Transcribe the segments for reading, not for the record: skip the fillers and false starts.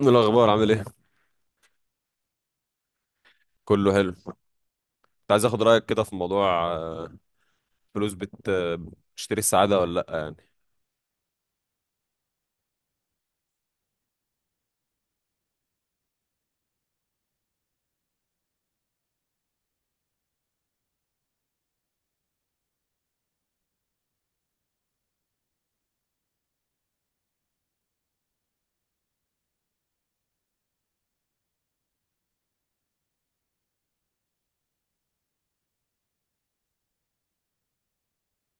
إيه الأخبار عامل إيه؟ كله حلو. كنت عايز آخد رأيك كده في موضوع فلوس بت آه، بتشتري السعادة ولا لأ يعني.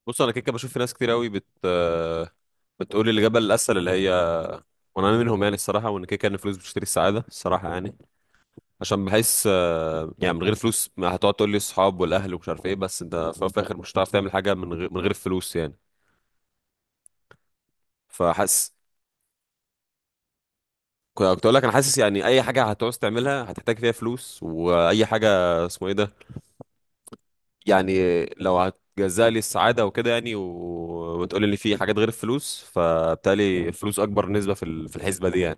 بص، أنا كده كده بشوف في ناس كتير أوي بت آه، بتقول الإجابة الأسهل اللي هي، وأنا منهم يعني الصراحة، وإن كده كده إن الفلوس بتشتري السعادة الصراحة يعني. عشان بحس يعني من غير فلوس ما هتقعد تقول لي الصحاب والأهل ومش عارف إيه. بس أنت في الأول وفي الآخر مش هتعرف تعمل حاجة من غير الفلوس يعني. فحاسس. كنت أقول لك أنا حاسس يعني أي حاجة هتعوز تعملها هتحتاج فيها فلوس، وأي حاجة اسمه إيه ده، يعني لو هتجزأ لي السعادة وكده يعني وتقول لي في حاجات غير الفلوس، فبالتالي الفلوس أكبر نسبة في الحسبة دي يعني.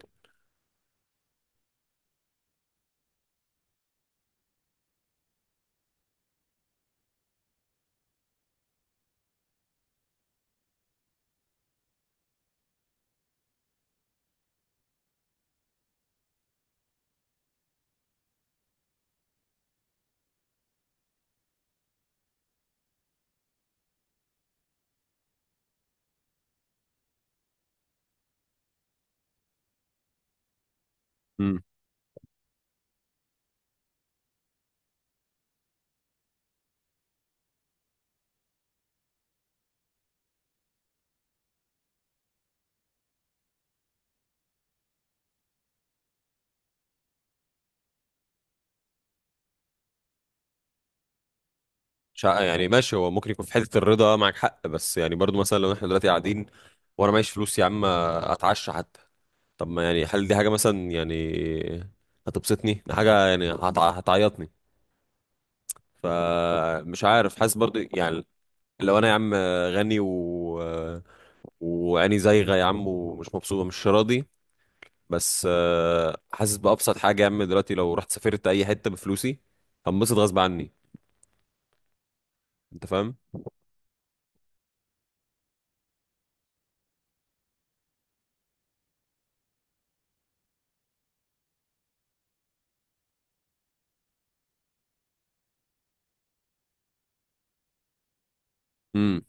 امم. مش ع- يعني ماشي، هو ممكن يكون في حتة الرضا معاك حق، بس يعني برضو مثلا لو احنا دلوقتي قاعدين وأنا معيش فلوس يا عم أتعشى حتى. طب ما يعني، هل دي حاجة مثلا يعني هتبسطني؟ دي حاجة يعني هتعيطني؟ فمش عارف، حاسس برضو يعني. لو أنا يا عم غني و وعيني زايغة يا عم، ومش مبسوطة مش راضي. بس حاسس بأبسط حاجة يا عم دلوقتي لو رحت سافرت أي حتة بفلوسي هنبسط غصب عني. أنت فاهم؟ امم.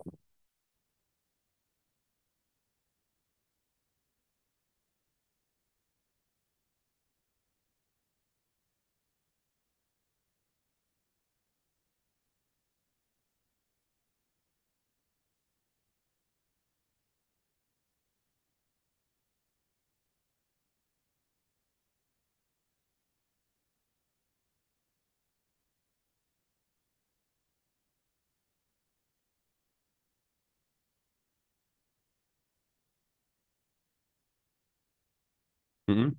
امم.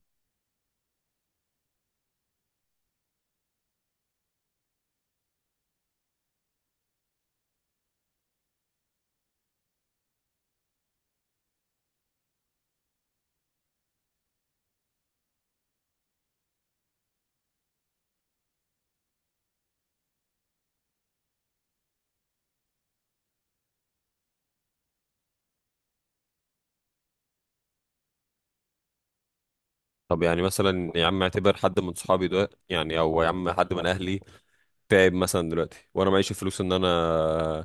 طب يعني مثلا يا عم، اعتبر حد من صحابي ده يعني، أو يا عم حد من أهلي تعب مثلا دلوقتي وأنا معيش فلوس إن أنا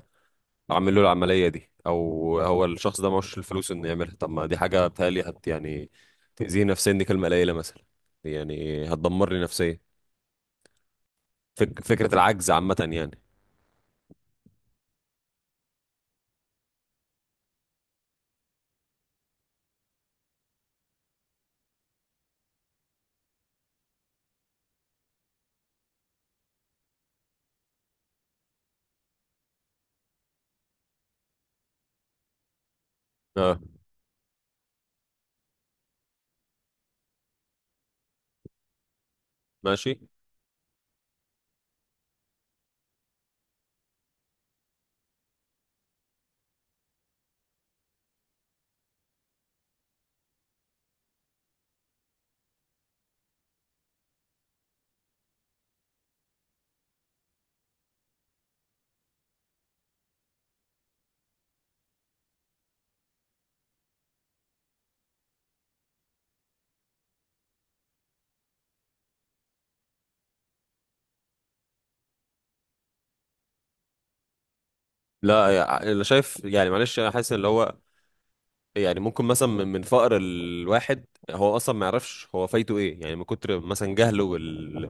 أعمل له العملية دي، أو هو الشخص ده معهوش الفلوس إنه يعملها. طب ما دي حاجة بتهيألي يعني تأذيه نفسيا، دي كلمة قليلة مثلا، يعني هتدمر لي نفسيا. فكرة العجز عامة يعني. اه. ماشي. لا، انا شايف يعني، معلش، انا حاسس اللي هو، يعني ممكن مثلا من فقر الواحد، هو اصلا ما يعرفش هو فايته ايه، يعني من كتر مثلا جهله بال...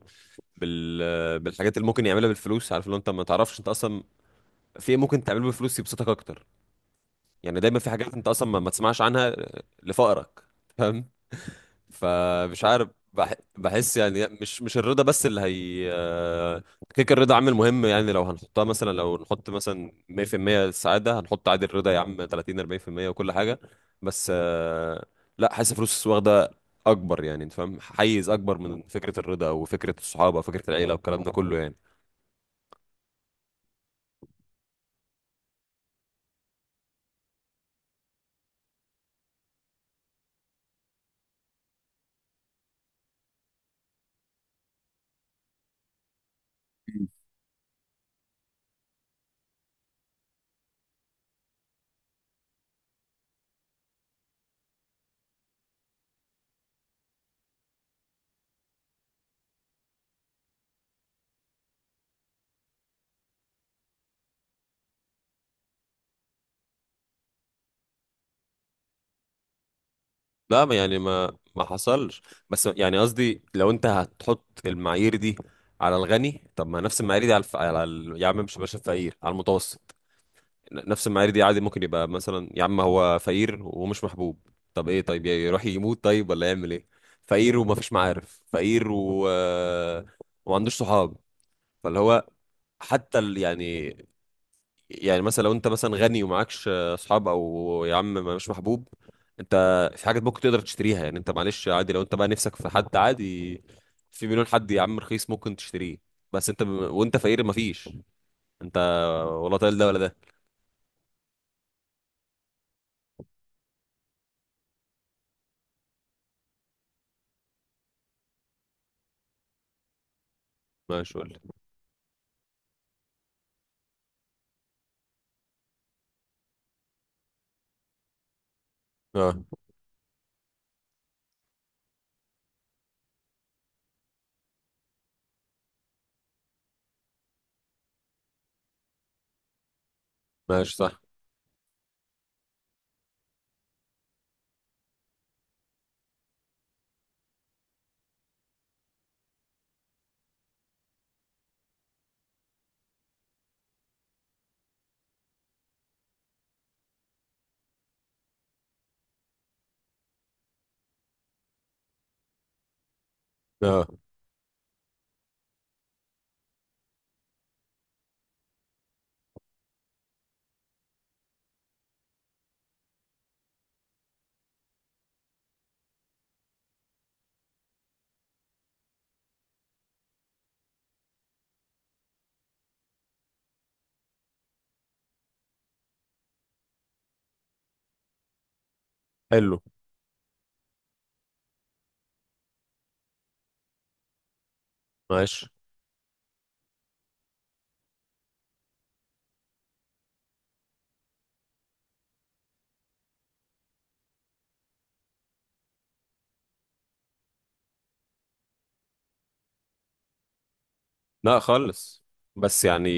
بال... بالحاجات اللي ممكن يعملها بالفلوس. عارف، لو انت ما تعرفش انت اصلا في ايه ممكن تعمله بالفلوس يبسطك اكتر. يعني دايما في حاجات انت اصلا ما تسمعش عنها لفقرك. فمش عارف بحس يعني مش الرضا بس اللي هي كيك، الرضا عامل مهم يعني. لو هنحطها مثلا، لو نحط مثلا 100% السعادة، هنحط عادي الرضا يا عم 30 40% وكل حاجة. بس لا، حاسس فلوس واخدة اكبر، يعني انت فاهم، حيز اكبر من فكرة الرضا او فكرة الصحابة او فكرة العيلة والكلام ده كله يعني. لا، يعني ما حصلش. بس يعني قصدي، لو انت هتحط المعايير دي على الغني، طب ما نفس المعايير دي على الف... على ال... يا عم مش باشا، الفقير على المتوسط. نفس المعايير دي عادي ممكن يبقى مثلا يا عم هو فقير ومش محبوب. طب ايه، طيب يروح يموت؟ طيب ولا يعمل ايه؟ فقير ومفيش معارف، فقير و وما عندوش صحاب، فاللي هو، حتى ال... يعني يعني مثلا لو انت مثلا غني ومعكش اصحاب او يا عم مش محبوب، انت في حاجات ممكن تقدر تشتريها يعني. انت معلش عادي لو انت بقى نفسك في حد عادي، في مليون حد يا عم رخيص ممكن تشتريه. بس انت وانت فقير مفيش، انت ولا طايل ده ولا ده. ماشي، قول لي. اه، ماشي صح. اه، حلو. ماشي. لا خالص. بس يعني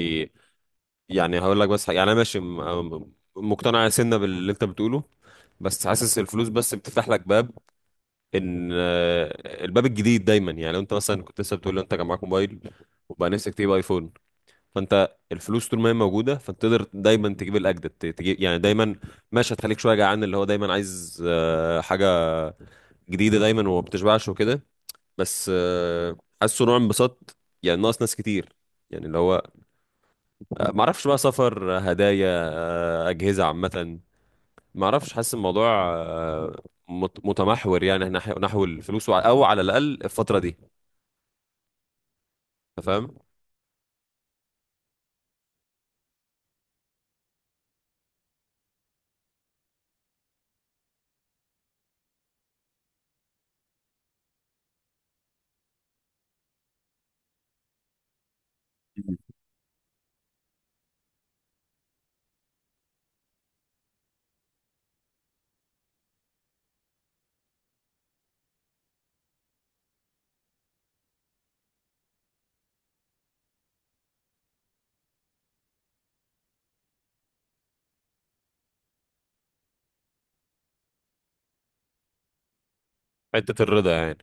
يعني هقول لك بس حاجة. يعني انا ماشي مقتنع يا سنة باللي انت بتقوله. بس حاسس الفلوس بس بتفتح لك باب، ان الباب الجديد دايما. يعني لو انت مثلا كنت لسه بتقول لي انت كان معاك موبايل وبقى نفسك تجيب ايفون، فانت الفلوس طول ما هي موجوده فانت تقدر دايما تجيب الاجدد، تجيب يعني دايما. ماشي، هتخليك شويه جعان اللي هو دايما عايز حاجه جديده دايما وما بتشبعش وكده. بس حاسه نوع انبساط، يعني ناقص ناس كتير، يعني اللي هو معرفش بقى سفر، هدايا، أجهزة عامة معرفش. حاسس الموضوع آه، متمحور يعني نحو الفلوس أو على الأقل الفترة دي. أنت فاهم؟ مم. حتة الرضا يعني.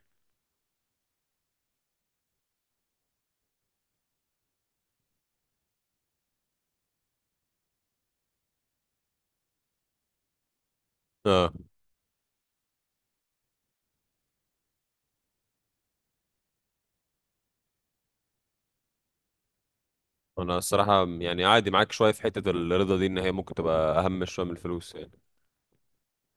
اه، أنا الصراحة يعني عادي معاك شوية في حتة الرضا دي إن هي ممكن تبقى أهم شوية من الفلوس يعني.